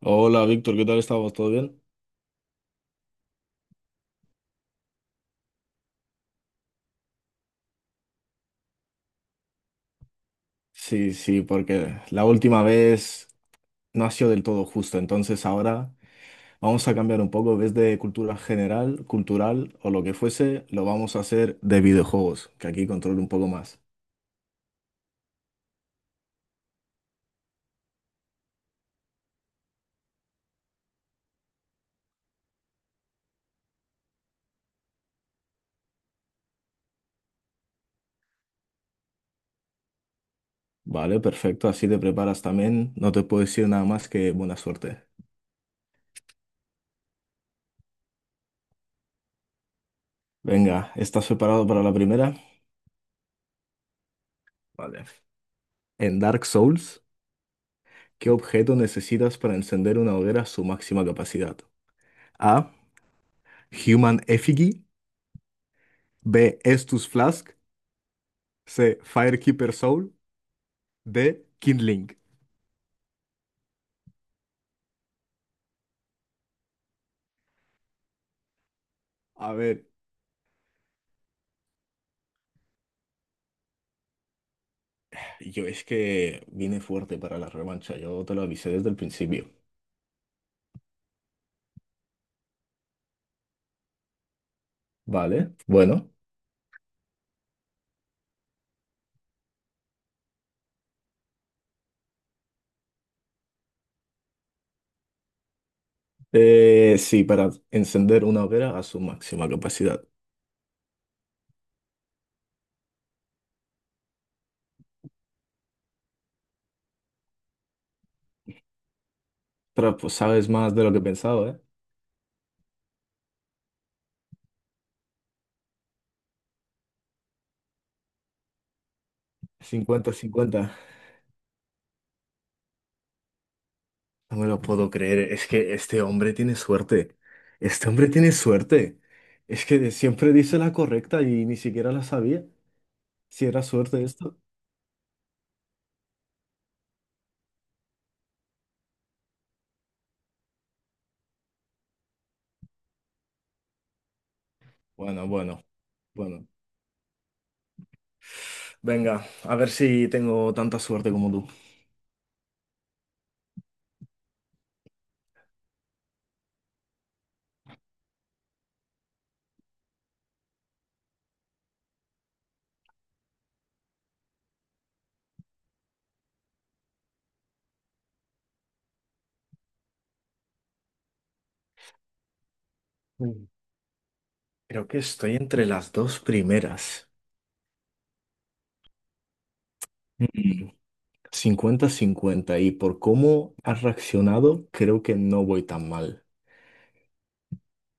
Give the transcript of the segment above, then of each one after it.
Hola Víctor, ¿qué tal estamos? ¿Todo bien? Sí, sí, porque la última vez no ha sido del todo justo, entonces ahora vamos a cambiar un poco, ves de cultura general, cultural o lo que fuese, lo vamos a hacer de videojuegos, que aquí controlo un poco más. Vale, perfecto, así te preparas también, no te puedo decir nada más que buena suerte. Venga, ¿estás preparado para la primera? Vale. En Dark Souls, ¿qué objeto necesitas para encender una hoguera a su máxima capacidad? A. Human Effigy. B. Estus Flask. C. Firekeeper Soul. D. Kindling. A ver, yo es que vine fuerte para la revancha, yo te lo avisé desde el principio, ¿vale? Bueno, sí, para encender una hoguera a su máxima capacidad. Pero pues sabes más de lo que pensaba, eh. Cincuenta, cincuenta. No me lo puedo creer, es que este hombre tiene suerte, este hombre tiene suerte, es que siempre dice la correcta y ni siquiera la sabía, si era suerte esto. Bueno, bueno, bueno. Venga, a ver si tengo tanta suerte como tú. Mm. Creo que estoy entre las dos primeras. Mm, cincuenta 50 y por cómo has reaccionado, creo que no voy tan mal.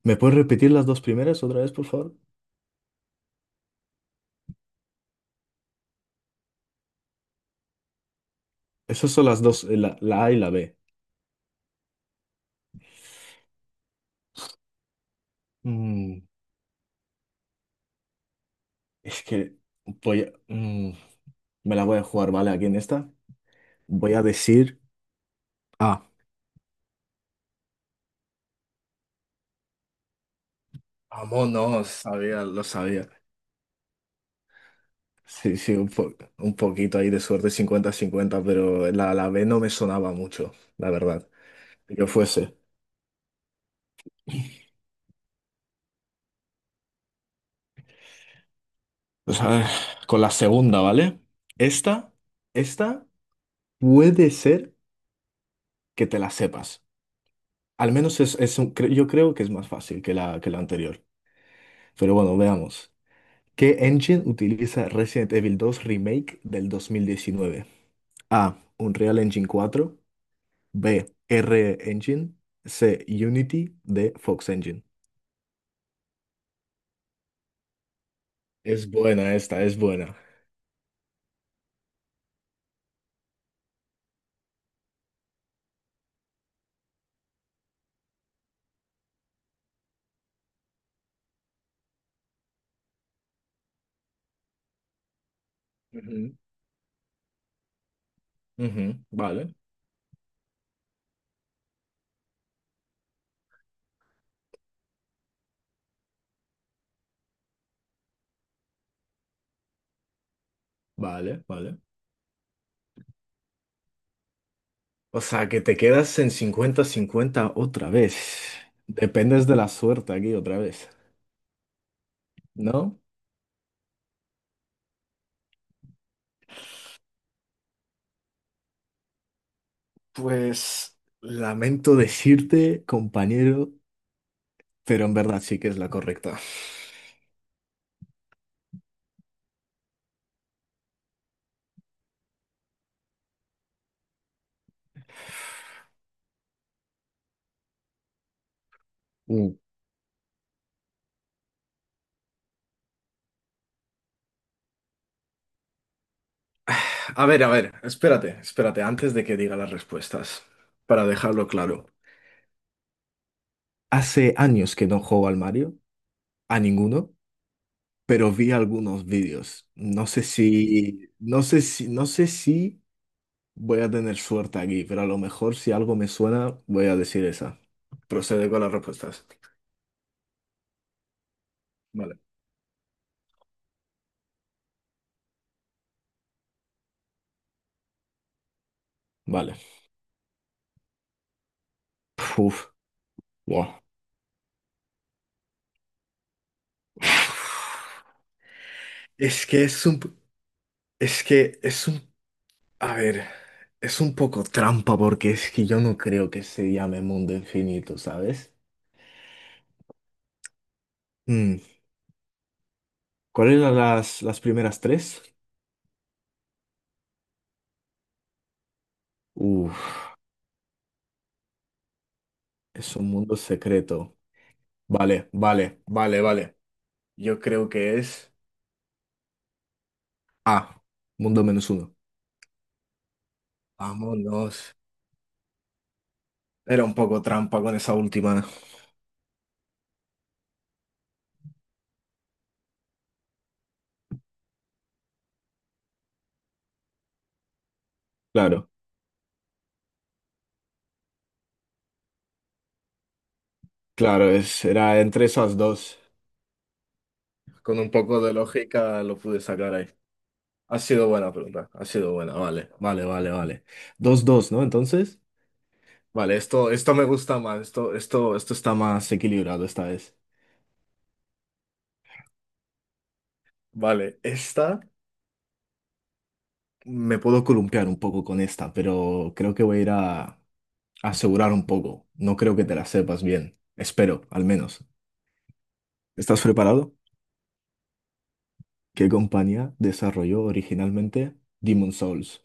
¿Me puedes repetir las dos primeras otra vez, por favor? Esas son las dos, la A y la B. Mm, es que voy a- mm, me la voy a jugar, ¿vale? Aquí en esta. Voy a decir A. Vámonos, sabía, lo sabía. Sí, sí, un poquito ahí de suerte 50-50, pero la B no me sonaba mucho, la verdad, que fuese. Pues a ver, con la segunda, ¿vale? Esta, esta puede ser que te la sepas. Al menos es, yo creo que es más fácil que que la anterior. Pero bueno, veamos. ¿Qué engine utiliza Resident Evil 2 Remake del 2019? A. Unreal Engine 4. B. R Engine. C. Unity. D. Fox Engine. Es buena esta, es buena. Ujú. Ujú, vale, vale, vale. O sea, que te quedas en cincuenta-cincuenta otra vez. Dependes de la suerte aquí otra vez, ¿no? Pues lamento decirte, compañero, pero en verdad sí que es la correcta. Mm. A ver, espérate, espérate, antes de que diga las respuestas, para dejarlo claro. Hace años que no juego al Mario, a ninguno. Pero vi algunos vídeos. No sé si, no sé si, no sé si voy a tener suerte aquí, pero a lo mejor si algo me suena, voy a decir esa. Procede con las respuestas. Vale. Vale. Uf, wow. Es que es un, es que es un, A ver, es un poco trampa porque es que yo no creo que se llame mundo infinito, ¿sabes? Mm, ¿Cuáles eran las primeras tres? Uf, es un mundo secreto. Vale, vale, vale, vale. Yo creo que es A, mundo menos uno. Vámonos. Era un poco trampa con esa última. Claro, claro, es, era entre esas dos. Con un poco de lógica lo pude sacar ahí. Ha sido buena pregunta, ha sido buena, vale, vale, vale, vale. Dos, dos, ¿no? Entonces, vale, esto me gusta más, esto está más equilibrado esta vez. Vale, esta me puedo columpiar un poco con esta, pero creo que voy a ir a asegurar un poco. No creo que te la sepas bien. Espero, al menos. ¿Estás preparado? ¿Qué compañía desarrolló originalmente Demon Souls?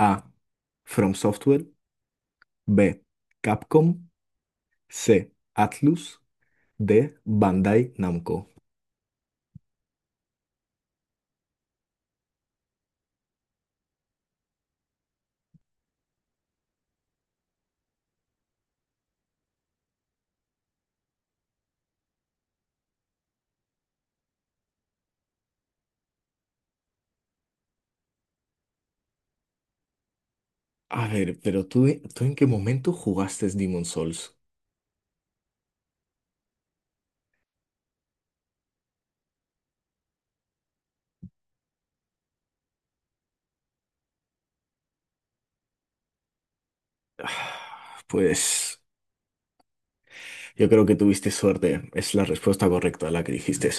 A. From Software. B. Capcom. C. Atlus. D. Bandai Namco. A ver, pero tú, ¿tú en qué momento jugaste Demon Souls? Ah, pues yo creo que tuviste suerte. Es la respuesta correcta a la que dijiste.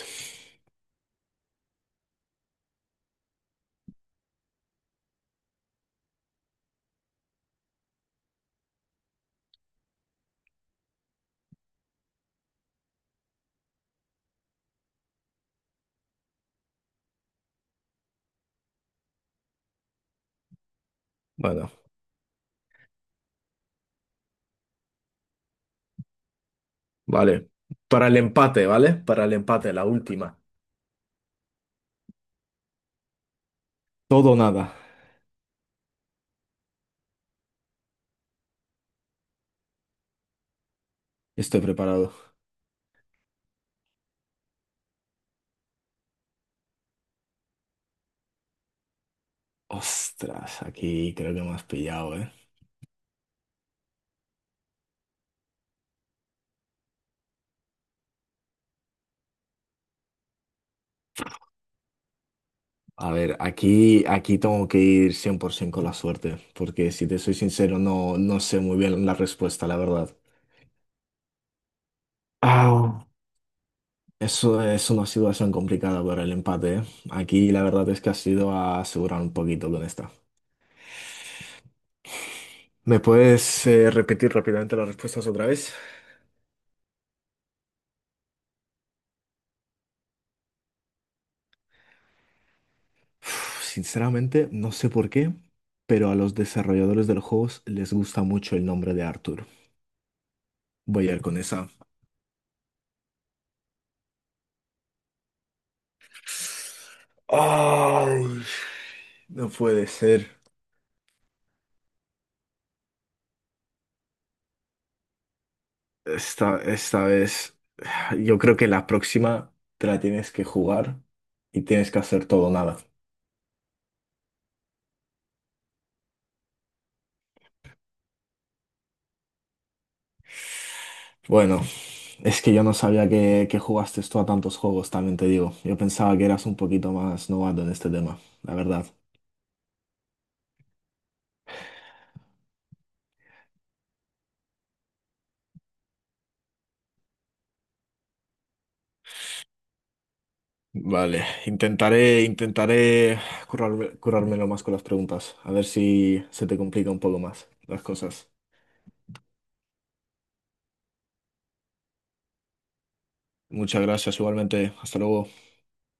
Bueno, vale. Para el empate, ¿vale? Para el empate, la última. Todo o nada. Estoy preparado. Ostras, aquí creo que me has pillado, ¿eh? A ver, aquí, aquí tengo que ir 100% con la suerte, porque si te soy sincero, no, no sé muy bien la respuesta, la verdad. Ah, eso es una situación complicada para el empate, ¿eh? Aquí la verdad es que has ido a asegurar un poquito con esta. ¿Me puedes repetir rápidamente las respuestas otra vez? Uf, sinceramente, no sé por qué, pero a los desarrolladores de los juegos les gusta mucho el nombre de Arthur. Voy a ir con esa. Ay, no puede ser. Esta vez, yo creo que la próxima te la tienes que jugar y tienes que hacer todo o nada. Bueno, es que yo no sabía que jugaste tú a tantos juegos, también te digo. Yo pensaba que eras un poquito más novato en este tema, la verdad. Vale, intentaré, currármelo más con las preguntas, a ver si se te complica un poco más las cosas. Muchas gracias, igualmente. Hasta luego.